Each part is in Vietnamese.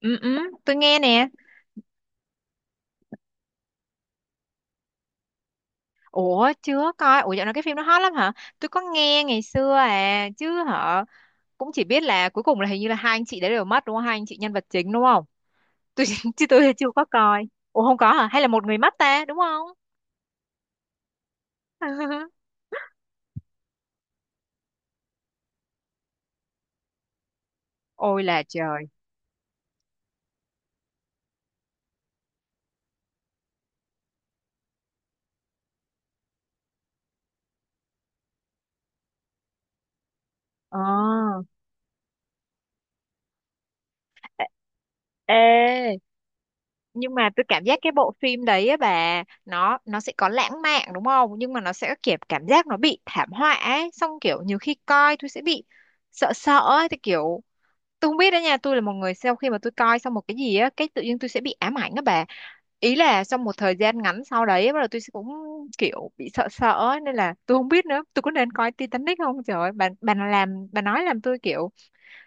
Ừ, ừ, tôi nghe nè. Ủa, chưa coi. Ủa, dạo này cái phim nó hot lắm hả? Tôi có nghe ngày xưa à, chứ hả? Cũng chỉ biết là cuối cùng là hình như là hai anh chị đấy đều mất đúng không? Hai anh chị nhân vật chính đúng không? Tôi chứ tôi chưa có coi. Ủa không có hả? Hay là một người mất ta, đúng không? Ôi là trời. Ờ. Ê, nhưng mà tôi cảm giác cái bộ phim đấy á bà, nó sẽ có lãng mạn đúng không? Nhưng mà nó sẽ kiểu cảm giác nó bị thảm họa ấy, xong kiểu nhiều khi coi tôi sẽ bị sợ sợ ấy, thì kiểu tôi không biết đó nha, tôi là một người sau khi mà tôi coi xong một cái gì á cái tự nhiên tôi sẽ bị ám ảnh á bà, ý là trong một thời gian ngắn sau đấy bắt đầu tôi sẽ cũng kiểu bị sợ sợ ấy, nên là tôi không biết nữa tôi có nên coi Titanic không, trời ơi, bà làm bà nói làm tôi kiểu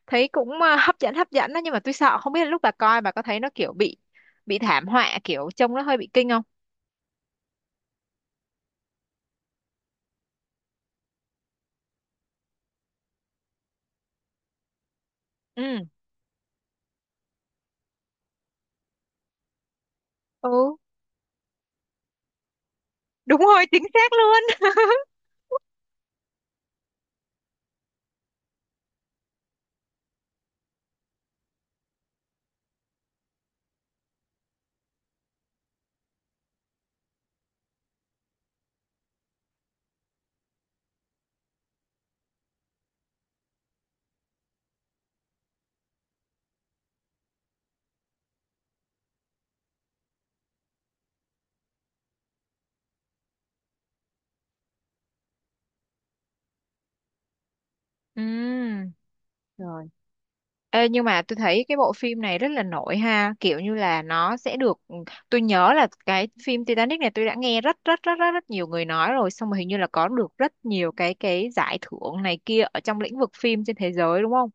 thấy cũng hấp dẫn đó, nhưng mà tôi sợ không biết là lúc bà coi bà có thấy nó kiểu bị thảm họa kiểu trông nó hơi bị kinh không. Ừ, ừ, đúng rồi chính xác luôn. Ừ. Rồi. Ê, nhưng mà tôi thấy cái bộ phim này rất là nổi ha, kiểu như là nó sẽ được tôi nhớ là cái phim Titanic này tôi đã nghe rất rất rất rất rất nhiều người nói rồi, xong rồi hình như là có được rất nhiều cái giải thưởng này kia ở trong lĩnh vực phim trên thế giới đúng không?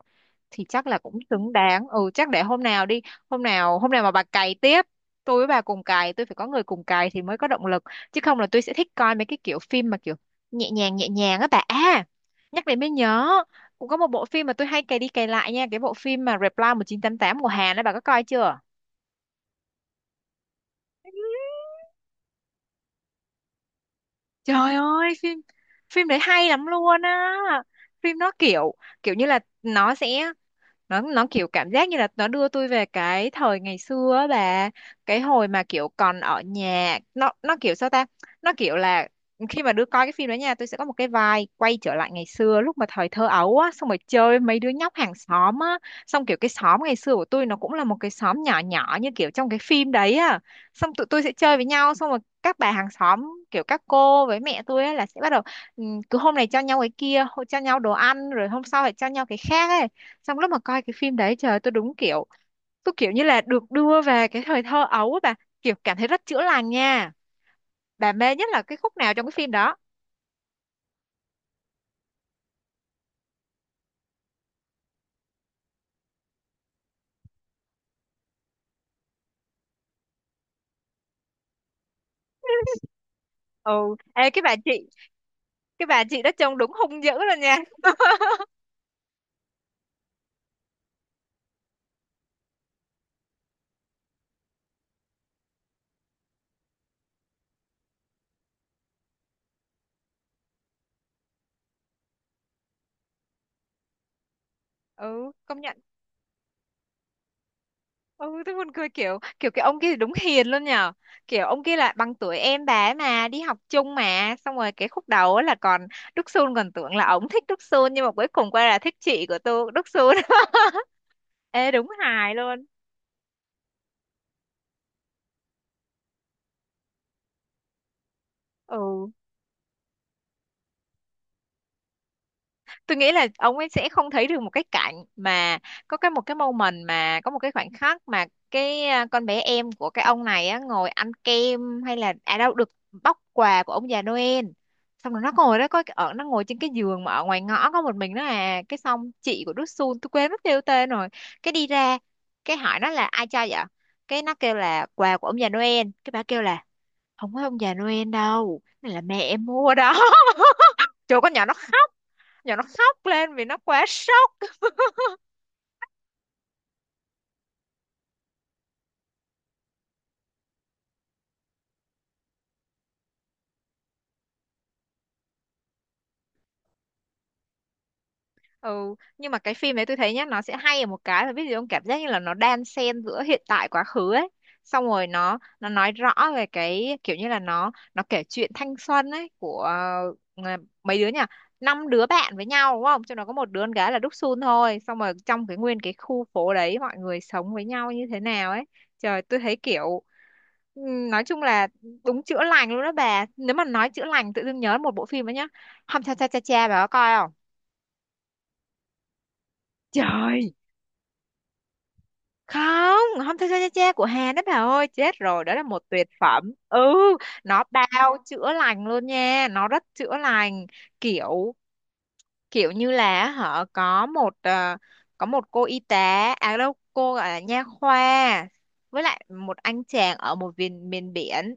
Thì chắc là cũng xứng đáng. Ừ chắc để hôm nào đi, hôm nào mà bà cày tiếp, tôi với bà cùng cày, tôi phải có người cùng cày thì mới có động lực, chứ không là tôi sẽ thích coi mấy cái kiểu phim mà kiểu nhẹ nhàng á bà. À, nhắc đến mới nhớ cũng có một bộ phim mà tôi hay cày đi cày lại nha, cái bộ phim mà Reply 1988 của Hàn ấy bà có coi chưa? Trời ơi, phim phim đấy hay lắm luôn á. Phim nó kiểu kiểu như là nó sẽ nó kiểu cảm giác như là nó đưa tôi về cái thời ngày xưa á bà, cái hồi mà kiểu còn ở nhà nó kiểu sao ta, nó kiểu là khi mà đứa coi cái phim đó nha, tôi sẽ có một cái vibe quay trở lại ngày xưa lúc mà thời thơ ấu á, xong rồi chơi mấy đứa nhóc hàng xóm á, xong kiểu cái xóm ngày xưa của tôi nó cũng là một cái xóm nhỏ nhỏ như kiểu trong cái phim đấy á, xong tụi tôi sẽ chơi với nhau, xong rồi các bà hàng xóm kiểu các cô với mẹ tôi á là sẽ bắt đầu ừ, cứ hôm này cho nhau cái kia, hôm- cho nhau đồ ăn, rồi hôm sau lại cho nhau cái khác ấy, xong lúc mà coi cái phim đấy trời ơi, tôi đúng kiểu tôi kiểu như là được đưa về cái thời thơ ấu á bà, kiểu cảm thấy rất chữa lành nha. Bà mê nhất là cái khúc nào trong cái phim đó? Ừ, ê cái bà chị, cái bà chị đó trông đúng hung dữ luôn nha. Ừ công nhận. Ừ tôi buồn cười kiểu kiểu cái ông kia đúng hiền luôn nhờ, kiểu ông kia là bằng tuổi em bà ấy mà đi học chung mà, xong rồi cái khúc đầu á là còn Đức Sun còn tưởng là ổng thích Đức Sun, nhưng mà cuối cùng quay là thích chị của tôi Đức Sun. Ê đúng hài luôn. Ừ tôi nghĩ là ông ấy sẽ không thấy được một cái cảnh mà có cái một cái moment mà có một cái khoảnh khắc mà cái con bé em của cái ông này á ngồi ăn kem, hay là à đâu được bóc quà của ông già Noel, xong rồi nó ngồi đó có ở nó ngồi trên cái giường mà ở ngoài ngõ có một mình nó, à cái xong chị của Đức Sun tôi quên mất kêu tên rồi, cái đi ra cái hỏi nó là ai cho vậy, cái nó kêu là quà của ông già Noel, cái bà kêu là không phải ông già Noel đâu, này là mẹ em mua đó. Chỗ con nhỏ nó giờ nó khóc lên vì nó quá sốc. Ừ nhưng mà cái phim đấy tôi thấy nhá nó sẽ hay ở một cái là biết gì không, cảm giác như là nó đan xen giữa hiện tại quá khứ ấy, xong rồi nó nói rõ về cái kiểu như là nó kể chuyện thanh xuân ấy của ờ, mấy đứa nhỉ, năm đứa bạn với nhau đúng không, trong đó có một đứa con gái là Đúc Sun thôi, xong rồi trong cái nguyên cái khu phố đấy mọi người sống với nhau như thế nào ấy, trời tôi thấy kiểu Ừ, nói chung là đúng chữa lành luôn đó bà. Nếu mà nói chữa lành tự dưng nhớ một bộ phim đó nhá, Hom Cha Cha Cha Cha bà có coi không? Trời, không, Hom Cha Cha Cha Cha của Hàn đó bà ơi, chết rồi đó là một tuyệt phẩm. Ừ nó bao chữa lành luôn nha, nó rất chữa lành, kiểu kiểu như là họ có một có một cô y tá à đâu cô gọi là nha khoa với lại một anh chàng ở một miền miền biển,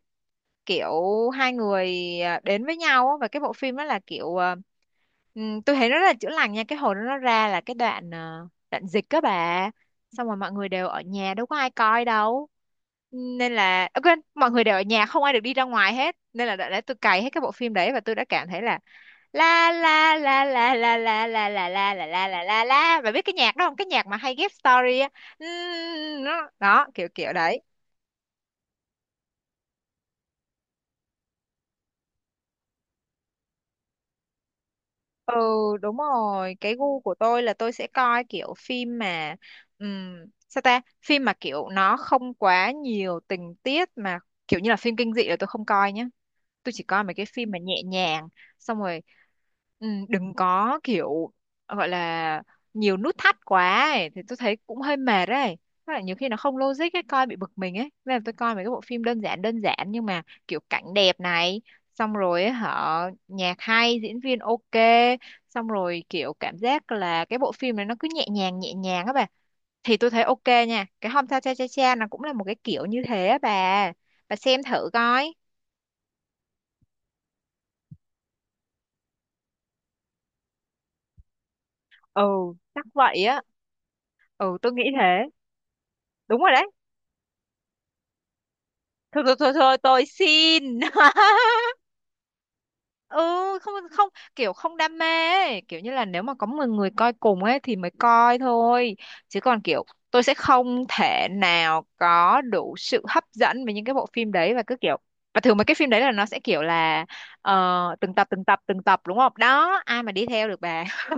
kiểu hai người đến với nhau á, và cái bộ phim đó là kiểu tôi thấy nó rất là chữa lành nha. Cái hồi đó nó ra là cái đoạn đoạn dịch các bà, xong rồi mọi người đều ở nhà đâu có ai coi đâu, nên là quên, mọi người đều ở nhà không ai được đi ra ngoài hết, nên là đã tôi cày hết cái bộ phim đấy và tôi đã cảm thấy là la la la la la la la la la la la la la la, bà biết cái nhạc đó không, cái nhạc mà hay ghép story á. Nó- đó kiểu kiểu đấy. Ừ đúng rồi cái gu của tôi là tôi sẽ coi kiểu phim mà ừm, sao ta, phim mà kiểu nó không quá nhiều tình tiết mà kiểu như là phim kinh dị là tôi không coi nhá, tôi chỉ coi mấy cái phim mà nhẹ nhàng, xong rồi ừ, đừng có kiểu gọi là nhiều nút thắt quá ấy. Thì tôi thấy cũng hơi mệt đấy. Với lại nhiều khi nó không logic ấy coi bị bực mình ấy, nên là tôi coi mấy cái bộ phim đơn giản nhưng mà kiểu cảnh đẹp này, xong rồi ấy, hả, nhạc hay diễn viên ok, xong rồi kiểu cảm giác là cái bộ phim này nó cứ nhẹ nhàng á bà, thì tôi thấy ok nha. Cái Hôm Cha Cha Cha Cha nó cũng là một cái kiểu như thế á bà xem thử coi. Ừ chắc vậy á, ừ tôi nghĩ thế. Đúng rồi đấy, thôi tôi xin. Ừ, không không, kiểu không đam mê ấy, kiểu như là nếu mà có 10 người coi cùng ấy thì mới coi thôi, chứ còn kiểu tôi sẽ không thể nào có đủ sự hấp dẫn với những cái bộ phim đấy và cứ kiểu và thường mấy cái phim đấy là nó sẽ kiểu là ờ, từng tập đúng không, đó ai mà đi theo được bà.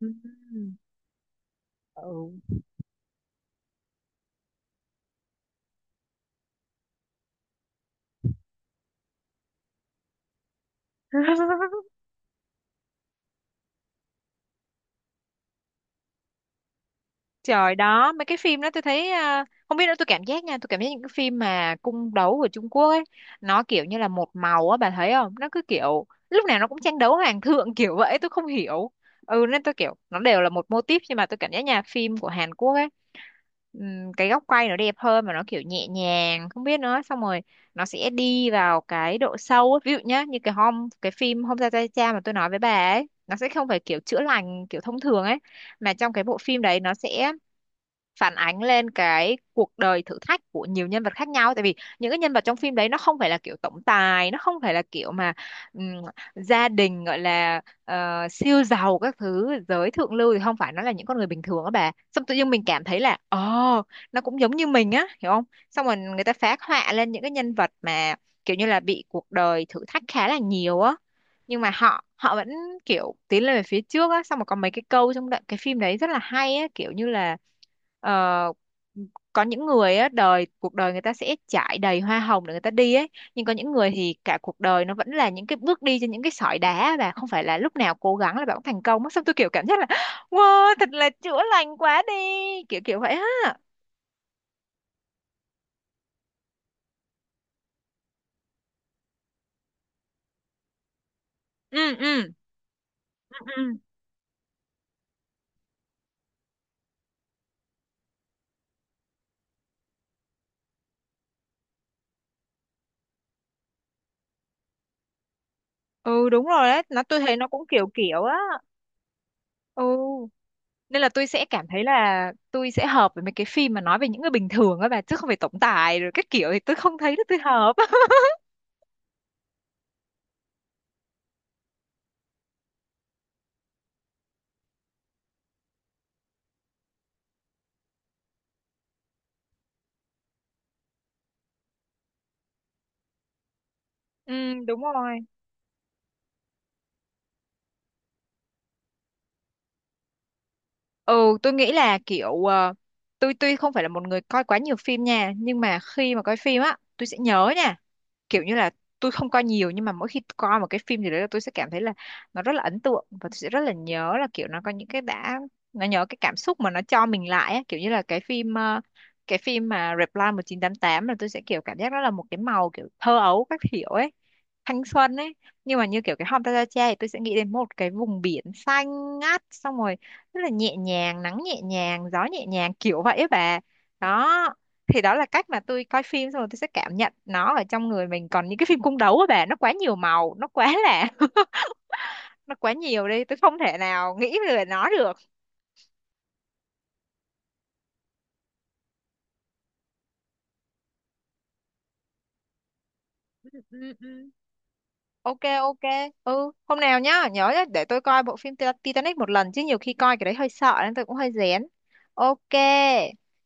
Ừm. Ừ. Trời đó, mấy cái phim đó tôi thấy không biết nữa tôi cảm giác nha, tôi cảm giác những cái phim mà cung đấu của Trung Quốc ấy, nó kiểu như là một màu á bà thấy không? Nó cứ kiểu lúc nào nó cũng tranh đấu hoàng thượng kiểu vậy, tôi không hiểu. Ừ nên tôi kiểu nó đều là một mô típ, nhưng mà tôi cảm giác nhà phim của Hàn Quốc ấy cái góc quay nó đẹp hơn mà nó kiểu nhẹ nhàng, không biết nữa, xong rồi nó sẽ đi vào cái độ sâu ấy. Ví dụ nhá, như cái hôm cái phim Hôm Ra Tay Cha mà tôi nói với bà ấy, nó sẽ không phải kiểu chữa lành kiểu thông thường ấy, mà trong cái bộ phim đấy nó sẽ phản ánh lên cái cuộc đời thử thách của nhiều nhân vật khác nhau, tại vì những cái nhân vật trong phim đấy nó không phải là kiểu tổng tài, nó không phải là kiểu mà ừm, gia đình gọi là siêu giàu các thứ giới thượng lưu, thì không phải, nó là những con người bình thường á bà, xong tự nhiên mình cảm thấy là ồ nó cũng giống như mình á hiểu không, xong rồi người ta phác họa lên những cái nhân vật mà kiểu như là bị cuộc đời thử thách khá là nhiều á, nhưng mà họ họ vẫn kiểu tiến lên về phía trước á, xong rồi có mấy cái câu trong đoạn cái phim đấy rất là hay á, kiểu như là Ờ, có những người á đời cuộc đời người ta sẽ trải đầy hoa hồng để người ta đi ấy, nhưng có những người thì cả cuộc đời nó vẫn là những cái bước đi trên những cái sỏi đá và không phải là lúc nào cố gắng là bạn cũng thành công á, xong tôi kiểu cảm giác là wow thật là chữa lành quá đi, kiểu kiểu vậy á. Ừ ừ ừ ừ. Ừ, đúng rồi đấy nó tôi thấy nó cũng kiểu kiểu á. Ừ nên là tôi sẽ cảm thấy là tôi sẽ hợp với mấy cái phim mà nói về những người bình thường á bà, chứ không phải tổng tài rồi các kiểu thì tôi không thấy là tôi hợp. Ừ đúng rồi. Ừ, tôi nghĩ là kiểu tôi tuy không phải là một người coi quá nhiều phim nha, nhưng mà khi mà coi phim á, tôi sẽ nhớ nha, kiểu như là tôi không coi nhiều nhưng mà mỗi khi coi một cái phim gì đấy là tôi sẽ cảm thấy là nó rất là ấn tượng và tôi sẽ rất là nhớ, là kiểu nó có những cái đã nó nhớ cái cảm xúc mà nó cho mình lại á. Kiểu như là cái phim cái phim mà Reply 1988 là tôi sẽ kiểu cảm giác đó là một cái màu kiểu thơ ấu các kiểu ấy, thanh xuân ấy, nhưng mà như kiểu cái Hôm Ta Ra Cha thì tôi sẽ nghĩ đến một cái vùng biển xanh ngắt, xong rồi rất là nhẹ nhàng, nắng nhẹ nhàng, gió nhẹ nhàng, kiểu vậy ấy bà. Đó thì đó là cách mà tôi coi phim, xong rồi tôi sẽ cảm nhận nó ở trong người mình, còn những cái phim cung đấu á bà nó quá nhiều màu, nó quá là nó quá nhiều đi tôi không thể nào nghĩ về nó được. Ừ, ừ, ừ. Ok ok. Ừ hôm nào nhá nhớ nhá, để tôi coi bộ phim Ti- Titanic một lần chứ nhiều khi coi cái đấy hơi sợ nên tôi cũng hơi rén. Ok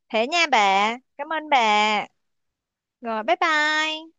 thế nha bà, cảm ơn bà, rồi bye bye.